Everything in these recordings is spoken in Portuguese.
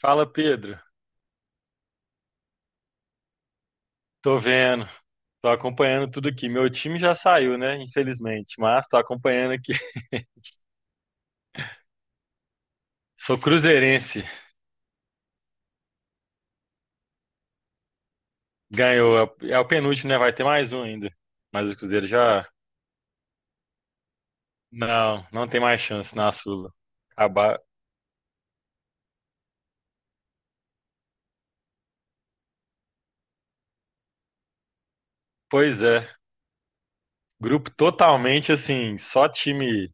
Fala, Pedro. Tô vendo, tô acompanhando tudo aqui. Meu time já saiu, né? Infelizmente, mas tô acompanhando aqui. Sou cruzeirense, ganhou. É o penúltimo, né? Vai ter mais um ainda. Mas o Cruzeiro já. Não, não tem mais chance na Sula. Acabar. Pois é. Grupo totalmente assim, só time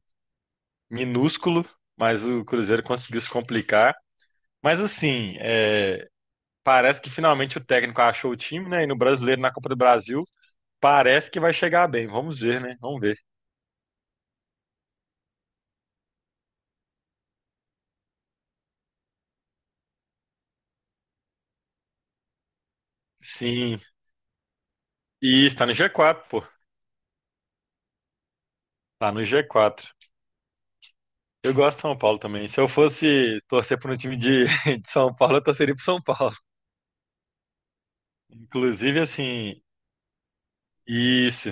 minúsculo, mas o Cruzeiro conseguiu se complicar. Mas assim, é, parece que finalmente o técnico achou o time, né? E no Brasileiro, na Copa do Brasil. Parece que vai chegar bem. Vamos ver, né? Vamos ver. Sim. E está no G4, pô. Tá no G4. Eu gosto de São Paulo também. Se eu fosse torcer para um time de, de São Paulo, eu torceria pro São Paulo. Inclusive, assim, isso,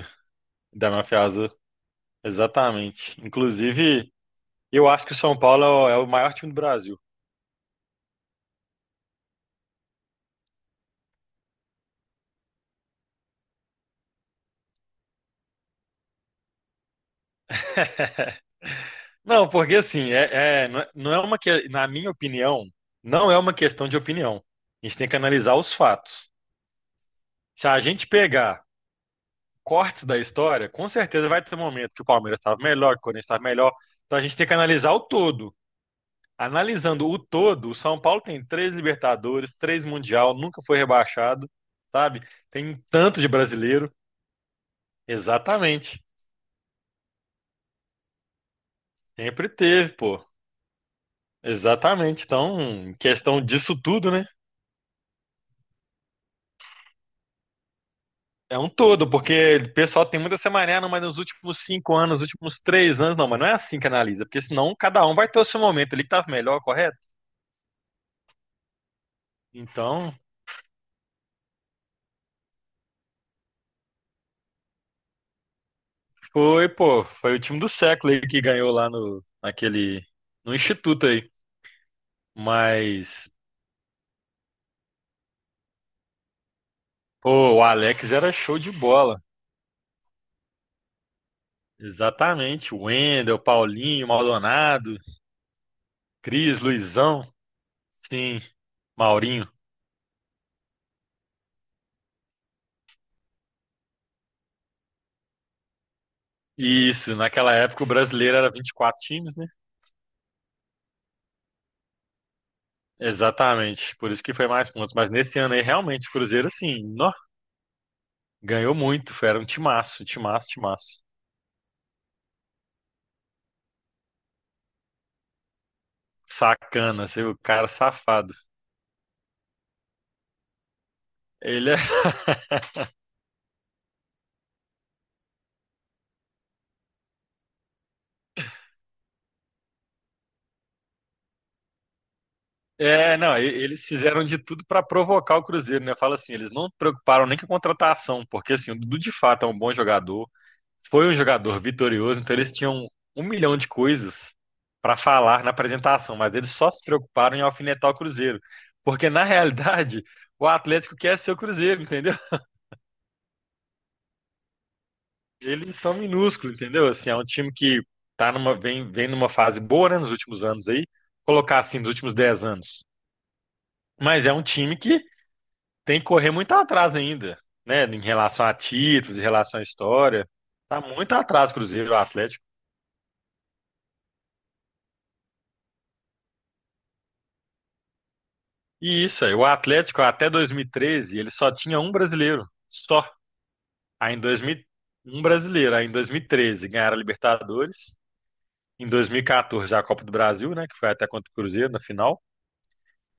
da Mafia Azul. Exatamente. Inclusive, eu acho que o São Paulo é o maior time do Brasil. Não, porque assim, não é uma que, na minha opinião, não é uma questão de opinião. A gente tem que analisar os fatos. Se a gente pegar cortes da história, com certeza vai ter um momento que o Palmeiras estava melhor, que o Corinthians estava melhor. Então a gente tem que analisar o todo. Analisando o todo, o São Paulo tem três Libertadores, três Mundial, nunca foi rebaixado, sabe? Tem tanto de brasileiro. Exatamente. Sempre teve, pô. Exatamente. Então, em questão disso tudo, né? É um todo, porque o pessoal tem muita semaná, não, mas nos últimos 5 anos, nos últimos 3 anos, não, mas não é assim que analisa, porque senão cada um vai ter o seu momento ali que tá melhor, correto? Então, foi, pô, foi o time do século aí que ganhou lá no, naquele, no instituto aí. Mas, pô, o Alex era show de bola. Exatamente. O Wendel, Paulinho, Maldonado, Cris, Luizão, sim, Maurinho. Isso, naquela época o brasileiro era 24 times, né? Exatamente, por isso que foi mais pontos. Mas nesse ano aí, realmente, o Cruzeiro, assim, nó, ganhou muito. Foi, era um timaço, timaço, timaço. Sacana, assim, o cara safado. Ele é, é, não, eles fizeram de tudo para provocar o Cruzeiro, né? Fala assim, eles não preocuparam nem com a contratação, porque assim, o Dudu de fato é um bom jogador, foi um jogador vitorioso, então eles tinham um milhão de coisas para falar na apresentação, mas eles só se preocuparam em alfinetar o Cruzeiro, porque na realidade o Atlético quer ser o Cruzeiro, entendeu? Eles são minúsculos, entendeu? Assim, é um time que tá numa, vem numa fase boa, né, nos últimos anos aí, colocar assim, nos últimos 10 anos. Mas é um time que tem que correr muito atrás ainda, né? Em relação a títulos, em relação à história. Tá muito atrás, o Cruzeiro, o Atlético. E isso, aí, o Atlético até 2013, ele só tinha um brasileiro, só. Aí em 2000, um brasileiro, aí em 2013 ganharam a Libertadores, em 2014 a Copa do Brasil, né, que foi até contra o Cruzeiro na final.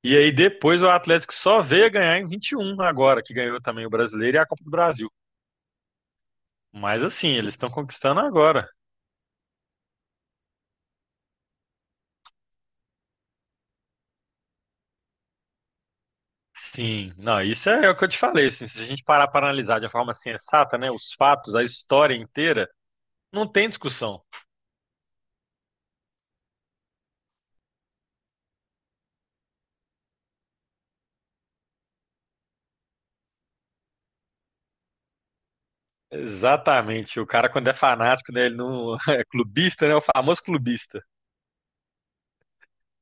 E aí depois o Atlético só veio a ganhar em 21 agora, que ganhou também o Brasileiro e a Copa do Brasil. Mas assim, eles estão conquistando agora. Sim, não, isso é o que eu te falei, assim, se a gente parar para analisar de uma forma sensata, né, os fatos, a história inteira, não tem discussão. Exatamente, o cara quando é fanático, né, ele não é clubista, né, é o famoso clubista.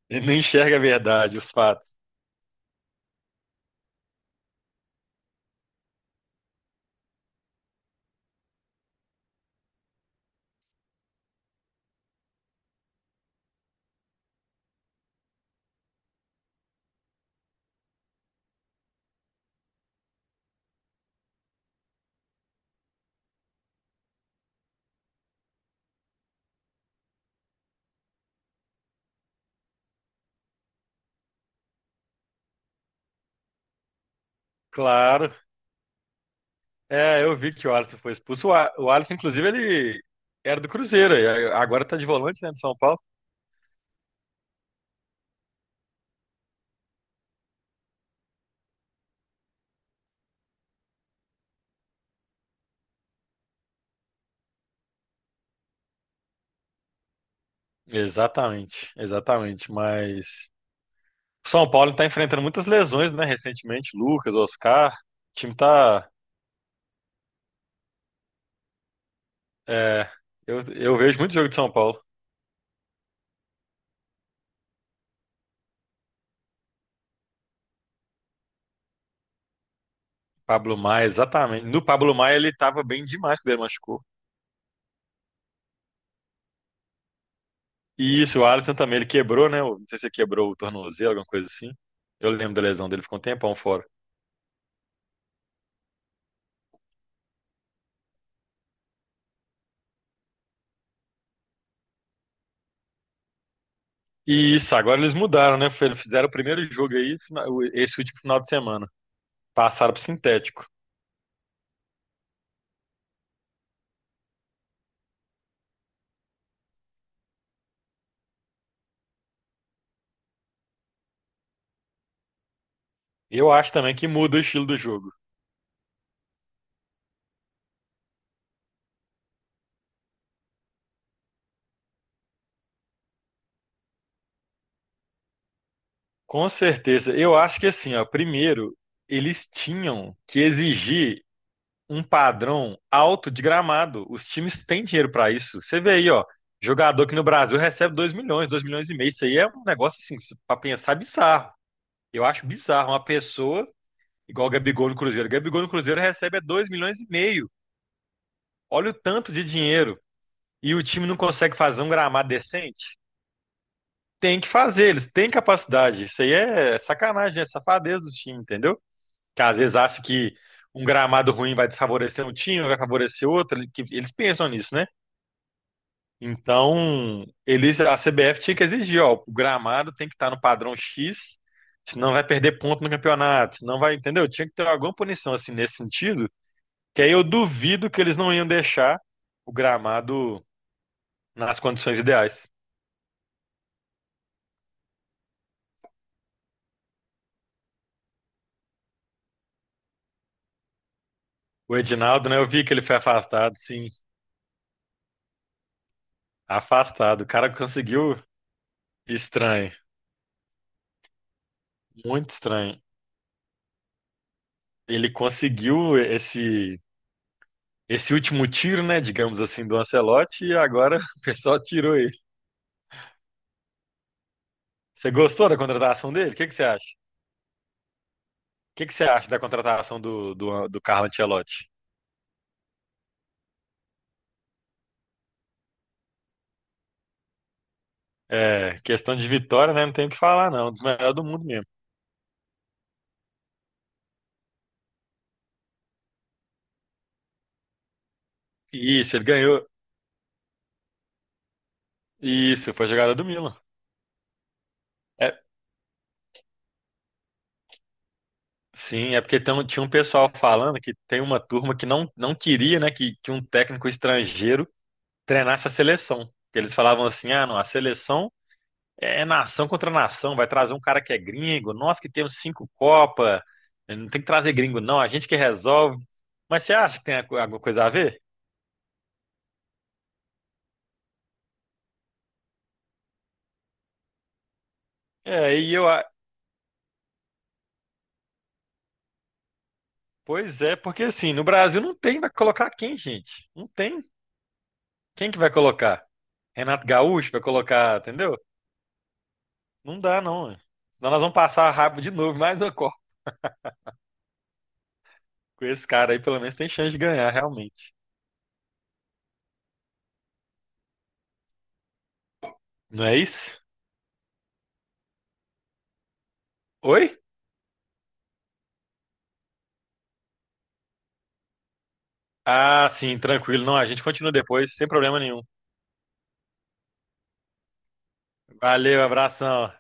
Ele não enxerga a verdade, os fatos. Claro. É, eu vi que o Alisson foi expulso. O Alisson, inclusive, ele era do Cruzeiro, e agora tá de volante, né, do São Paulo. Exatamente, exatamente, mas o São Paulo tá enfrentando muitas lesões, né, recentemente, Lucas, Oscar, o time tá. É, eu vejo muito jogo de São Paulo. Pablo Maia, exatamente. No Pablo Maia ele tava bem demais quando ele machucou. E isso, o Alisson também, ele quebrou, né? Não sei se ele quebrou o tornozelo, alguma coisa assim. Eu lembro da lesão dele, ficou um tempão fora. E isso, agora eles mudaram, né? Eles fizeram o primeiro jogo aí, esse último final de semana. Passaram pro sintético. Eu acho também que muda o estilo do jogo. Com certeza. Eu acho que assim, ó, primeiro, eles tinham que exigir um padrão alto de gramado. Os times têm dinheiro para isso. Você vê aí, ó, jogador que no Brasil recebe 2 milhões, 2,5 milhões. Isso aí é um negócio assim, para pensar bizarro. Eu acho bizarro uma pessoa igual o Gabigol no Cruzeiro. O Gabigol no Cruzeiro recebe 2,5 milhões. Olha o tanto de dinheiro. E o time não consegue fazer um gramado decente? Tem que fazer, eles têm capacidade. Isso aí é sacanagem, é safadeza do time, entendeu? Que às vezes acha que um gramado ruim vai desfavorecer um time, vai favorecer outro. Que Eles pensam nisso, né? Então, eles, a CBF tinha que exigir, ó, o gramado tem que estar no padrão X, senão vai perder ponto no campeonato, senão vai, entendeu? Tinha que ter alguma punição assim nesse sentido, que aí eu duvido que eles não iam deixar o gramado nas condições ideais. O Edinaldo, né, eu vi que ele foi afastado, sim, afastado. O cara conseguiu, estranho, muito estranho. Ele conseguiu esse último tiro, né, digamos assim, do Ancelotti e agora o pessoal tirou. Você gostou da contratação dele? O que que você acha? O que que você acha da contratação do Carlo Ancelotti? É, questão de vitória, né? Não tem o que falar, não. Um dos melhores do mundo mesmo. Isso, ele ganhou. Isso, foi jogada do Milan. É, sim, é porque tinha um pessoal falando que tem uma turma que não, não queria, né, que um técnico estrangeiro treinasse a seleção. Porque eles falavam assim, ah, não, a seleção é nação contra nação, vai trazer um cara que é gringo, nós que temos cinco Copa, não tem que trazer gringo não, a gente que resolve. Mas você acha que tem alguma coisa a ver? É, pois é, porque assim, no Brasil não tem, vai colocar quem, gente? Não tem. Quem que vai colocar? Renato Gaúcho vai colocar, entendeu? Não dá não, ué. Senão nós vamos passar rápido de novo, mais uma Copa. Com esse cara aí pelo menos tem chance de ganhar, realmente. Não é isso? Oi? Ah, sim, tranquilo. Não, a gente continua depois, sem problema nenhum. Valeu, abração.